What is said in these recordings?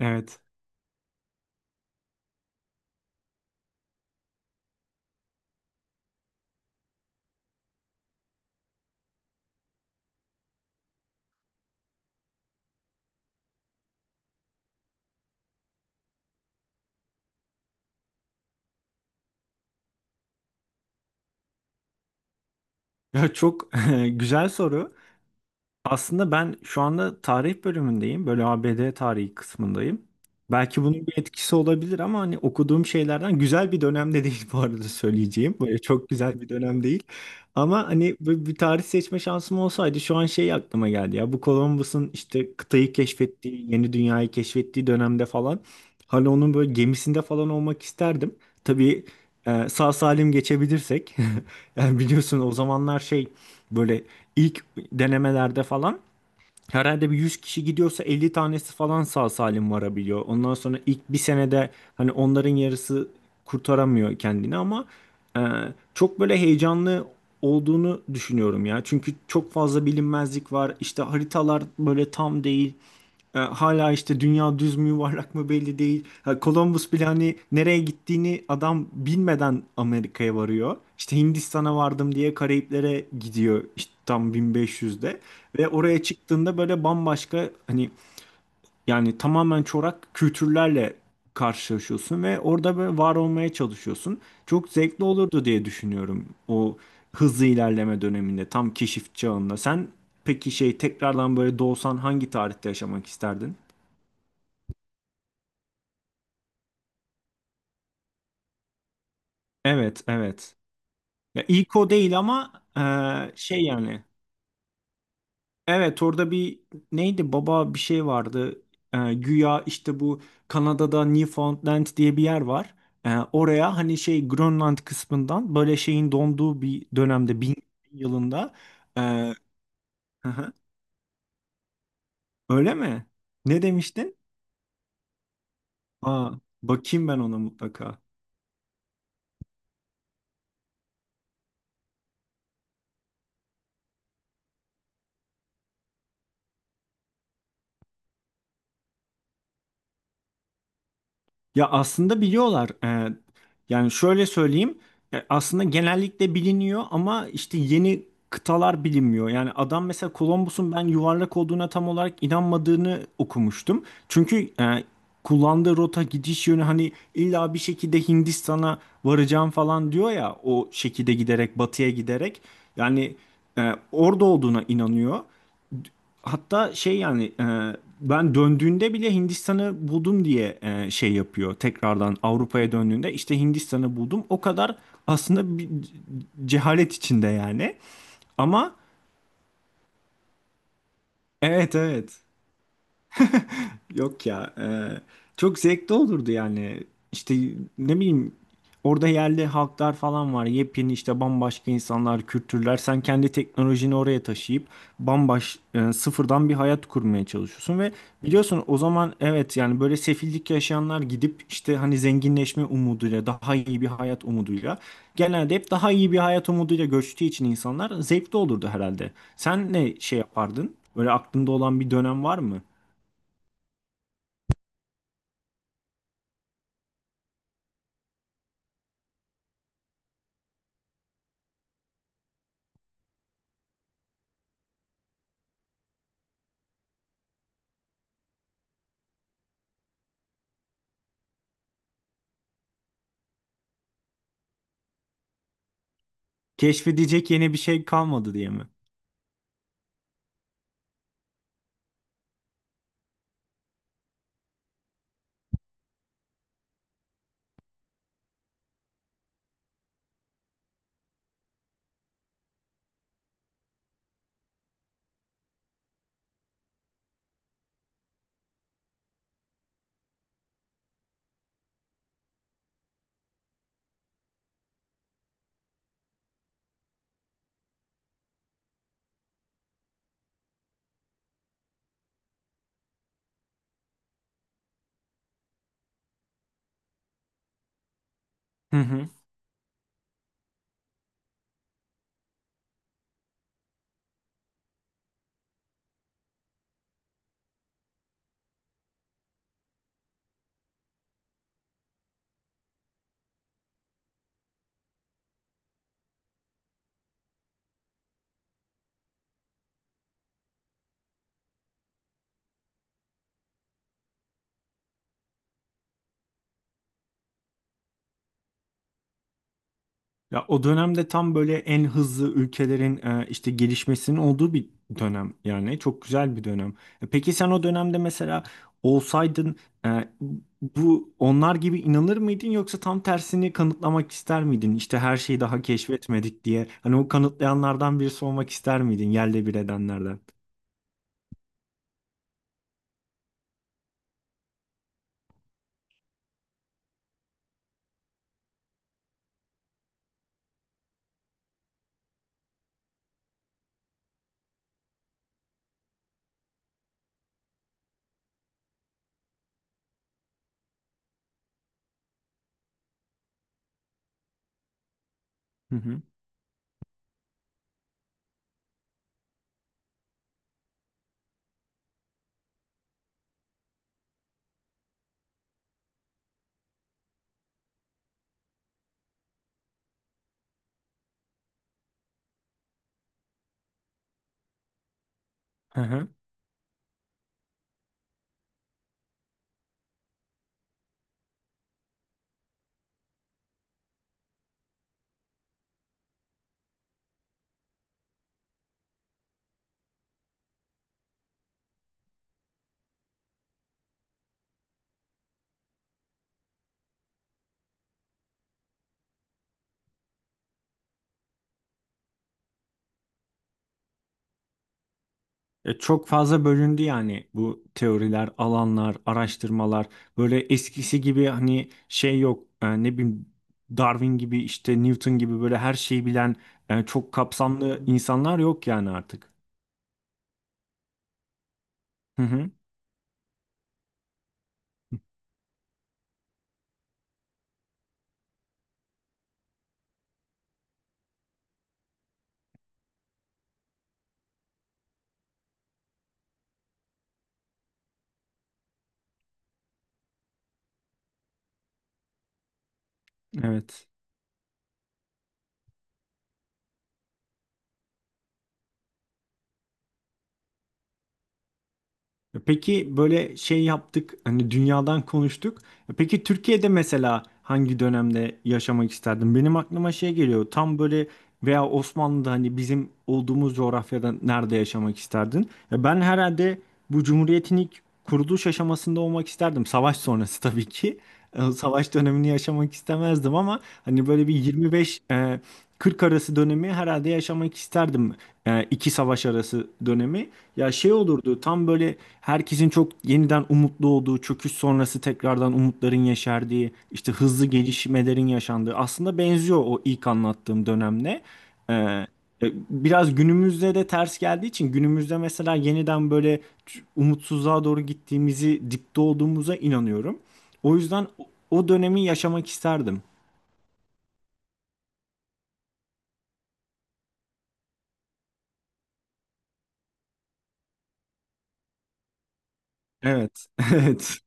Evet. Ya çok güzel soru. Aslında ben şu anda tarih bölümündeyim. Böyle ABD tarihi kısmındayım. Belki bunun bir etkisi olabilir ama hani okuduğum şeylerden güzel bir dönemde değil bu arada söyleyeceğim. Böyle çok güzel bir dönem değil. Ama hani böyle bir tarih seçme şansım olsaydı şu an şey aklıma geldi ya. Bu Columbus'un işte kıtayı keşfettiği, yeni dünyayı keşfettiği dönemde falan. Hani onun böyle gemisinde falan olmak isterdim. Tabii sağ salim geçebilirsek. Yani biliyorsun o zamanlar şey böyle İlk denemelerde falan herhalde bir 100 kişi gidiyorsa 50 tanesi falan sağ salim varabiliyor. Ondan sonra ilk bir senede hani onların yarısı kurtaramıyor kendini ama e, çok böyle heyecanlı olduğunu düşünüyorum ya. Çünkü çok fazla bilinmezlik var. İşte haritalar böyle tam değil. Hala işte dünya düz mü yuvarlak mı belli değil. Ha, Columbus bile hani nereye gittiğini adam bilmeden Amerika'ya varıyor. İşte Hindistan'a vardım diye Karayiplere gidiyor işte tam 1500'de ve oraya çıktığında böyle bambaşka hani yani tamamen çorak kültürlerle karşılaşıyorsun ve orada böyle var olmaya çalışıyorsun. Çok zevkli olurdu diye düşünüyorum o hızlı ilerleme döneminde tam keşif çağında. Sen peki şey tekrardan böyle doğsan hangi tarihte yaşamak isterdin? Evet, evet. Ya ilk o değil ama şey yani. Evet orada bir neydi baba bir şey vardı. Güya işte bu Kanada'da Newfoundland diye bir yer var. Oraya hani şey Grönland kısmından böyle şeyin donduğu bir dönemde 1000 yılında. Hı hı. Öyle mi? Ne demiştin? Aa, bakayım ben ona mutlaka. Ya aslında biliyorlar. Yani şöyle söyleyeyim. Aslında genellikle biliniyor ama işte yeni kıtalar bilinmiyor. Yani adam mesela Columbus'un ben yuvarlak olduğuna tam olarak inanmadığını okumuştum. Çünkü kullandığı rota gidiş yönü hani illa bir şekilde Hindistan'a varacağım falan diyor ya, o şekilde giderek batıya giderek. Yani orada olduğuna inanıyor. Hatta şey yani ben döndüğünde bile Hindistan'ı buldum diye şey yapıyor. Tekrardan Avrupa'ya döndüğünde işte Hindistan'ı buldum. O kadar aslında bir cehalet içinde yani. Ama evet evet. Yok ya. Çok zevkli olurdu yani. İşte ne bileyim orada yerli halklar falan var. Yepyeni işte bambaşka insanlar, kültürler. Sen kendi teknolojini oraya taşıyıp sıfırdan bir hayat kurmaya çalışıyorsun ve biliyorsun o zaman evet yani böyle sefillik yaşayanlar gidip işte hani zenginleşme umuduyla, daha iyi bir hayat umuduyla, genelde hep daha iyi bir hayat umuduyla göçtüğü için insanlar zevkli olurdu herhalde. Sen ne şey yapardın? Böyle aklında olan bir dönem var mı? Keşfedecek yeni bir şey kalmadı diye mi? Hı hı. Ya o dönemde tam böyle en hızlı ülkelerin işte gelişmesinin olduğu bir dönem yani, çok güzel bir dönem. Peki sen o dönemde mesela olsaydın e, bu onlar gibi inanır mıydın yoksa tam tersini kanıtlamak ister miydin? İşte her şeyi daha keşfetmedik diye. Hani o kanıtlayanlardan birisi olmak ister miydin? Yerle bir edenlerden. Hı hı. Hı hı. Çok fazla bölündü yani bu teoriler, alanlar, araştırmalar. Böyle eskisi gibi hani şey yok. Ne bileyim Darwin gibi işte Newton gibi böyle her şeyi bilen çok kapsamlı insanlar yok yani artık. Hı hı. Evet. Peki böyle şey yaptık hani, dünyadan konuştuk. Peki Türkiye'de mesela hangi dönemde yaşamak isterdin? Benim aklıma şey geliyor tam böyle, veya Osmanlı'da hani bizim olduğumuz coğrafyada nerede yaşamak isterdin? Ya ben herhalde bu Cumhuriyet'in ilk kuruluş aşamasında olmak isterdim. Savaş sonrası tabii ki. Savaş dönemini yaşamak istemezdim ama hani böyle bir 25, 40 arası dönemi herhalde yaşamak isterdim. İki savaş arası dönemi. Ya şey olurdu tam böyle herkesin çok yeniden umutlu olduğu, çöküş sonrası tekrardan umutların yeşerdiği, işte hızlı gelişmelerin yaşandığı, aslında benziyor o ilk anlattığım dönemle. Ee, e, Biraz günümüzde de ters geldiği için, günümüzde mesela yeniden böyle umutsuzluğa doğru gittiğimizi, dipte olduğumuza inanıyorum. O yüzden o dönemi yaşamak isterdim. Evet, evet.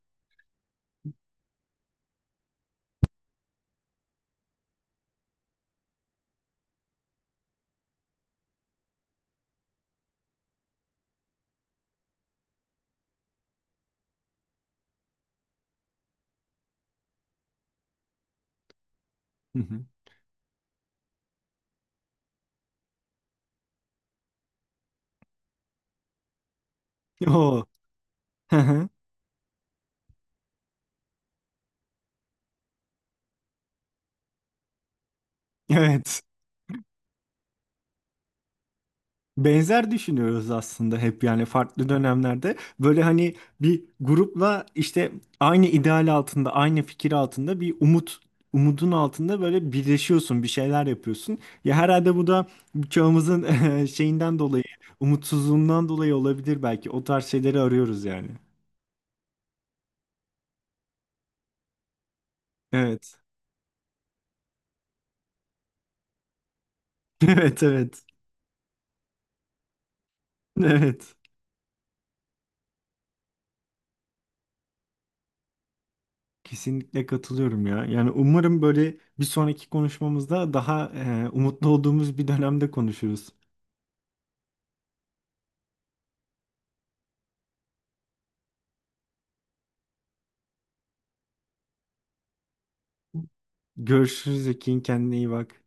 Hı hı. O. Hı hı. Evet. Benzer düşünüyoruz aslında, hep yani farklı dönemlerde böyle hani bir grupla işte aynı ideal altında, aynı fikir altında, bir umut umudun altında böyle birleşiyorsun, bir şeyler yapıyorsun. Ya herhalde bu da çağımızın şeyinden dolayı, umutsuzluğundan dolayı olabilir, belki o tarz şeyleri arıyoruz yani. Evet. Evet evet. Evet. Kesinlikle katılıyorum ya. Yani umarım böyle bir sonraki konuşmamızda daha umutlu olduğumuz bir dönemde konuşuruz. Görüşürüz Ekin, kendine iyi bak.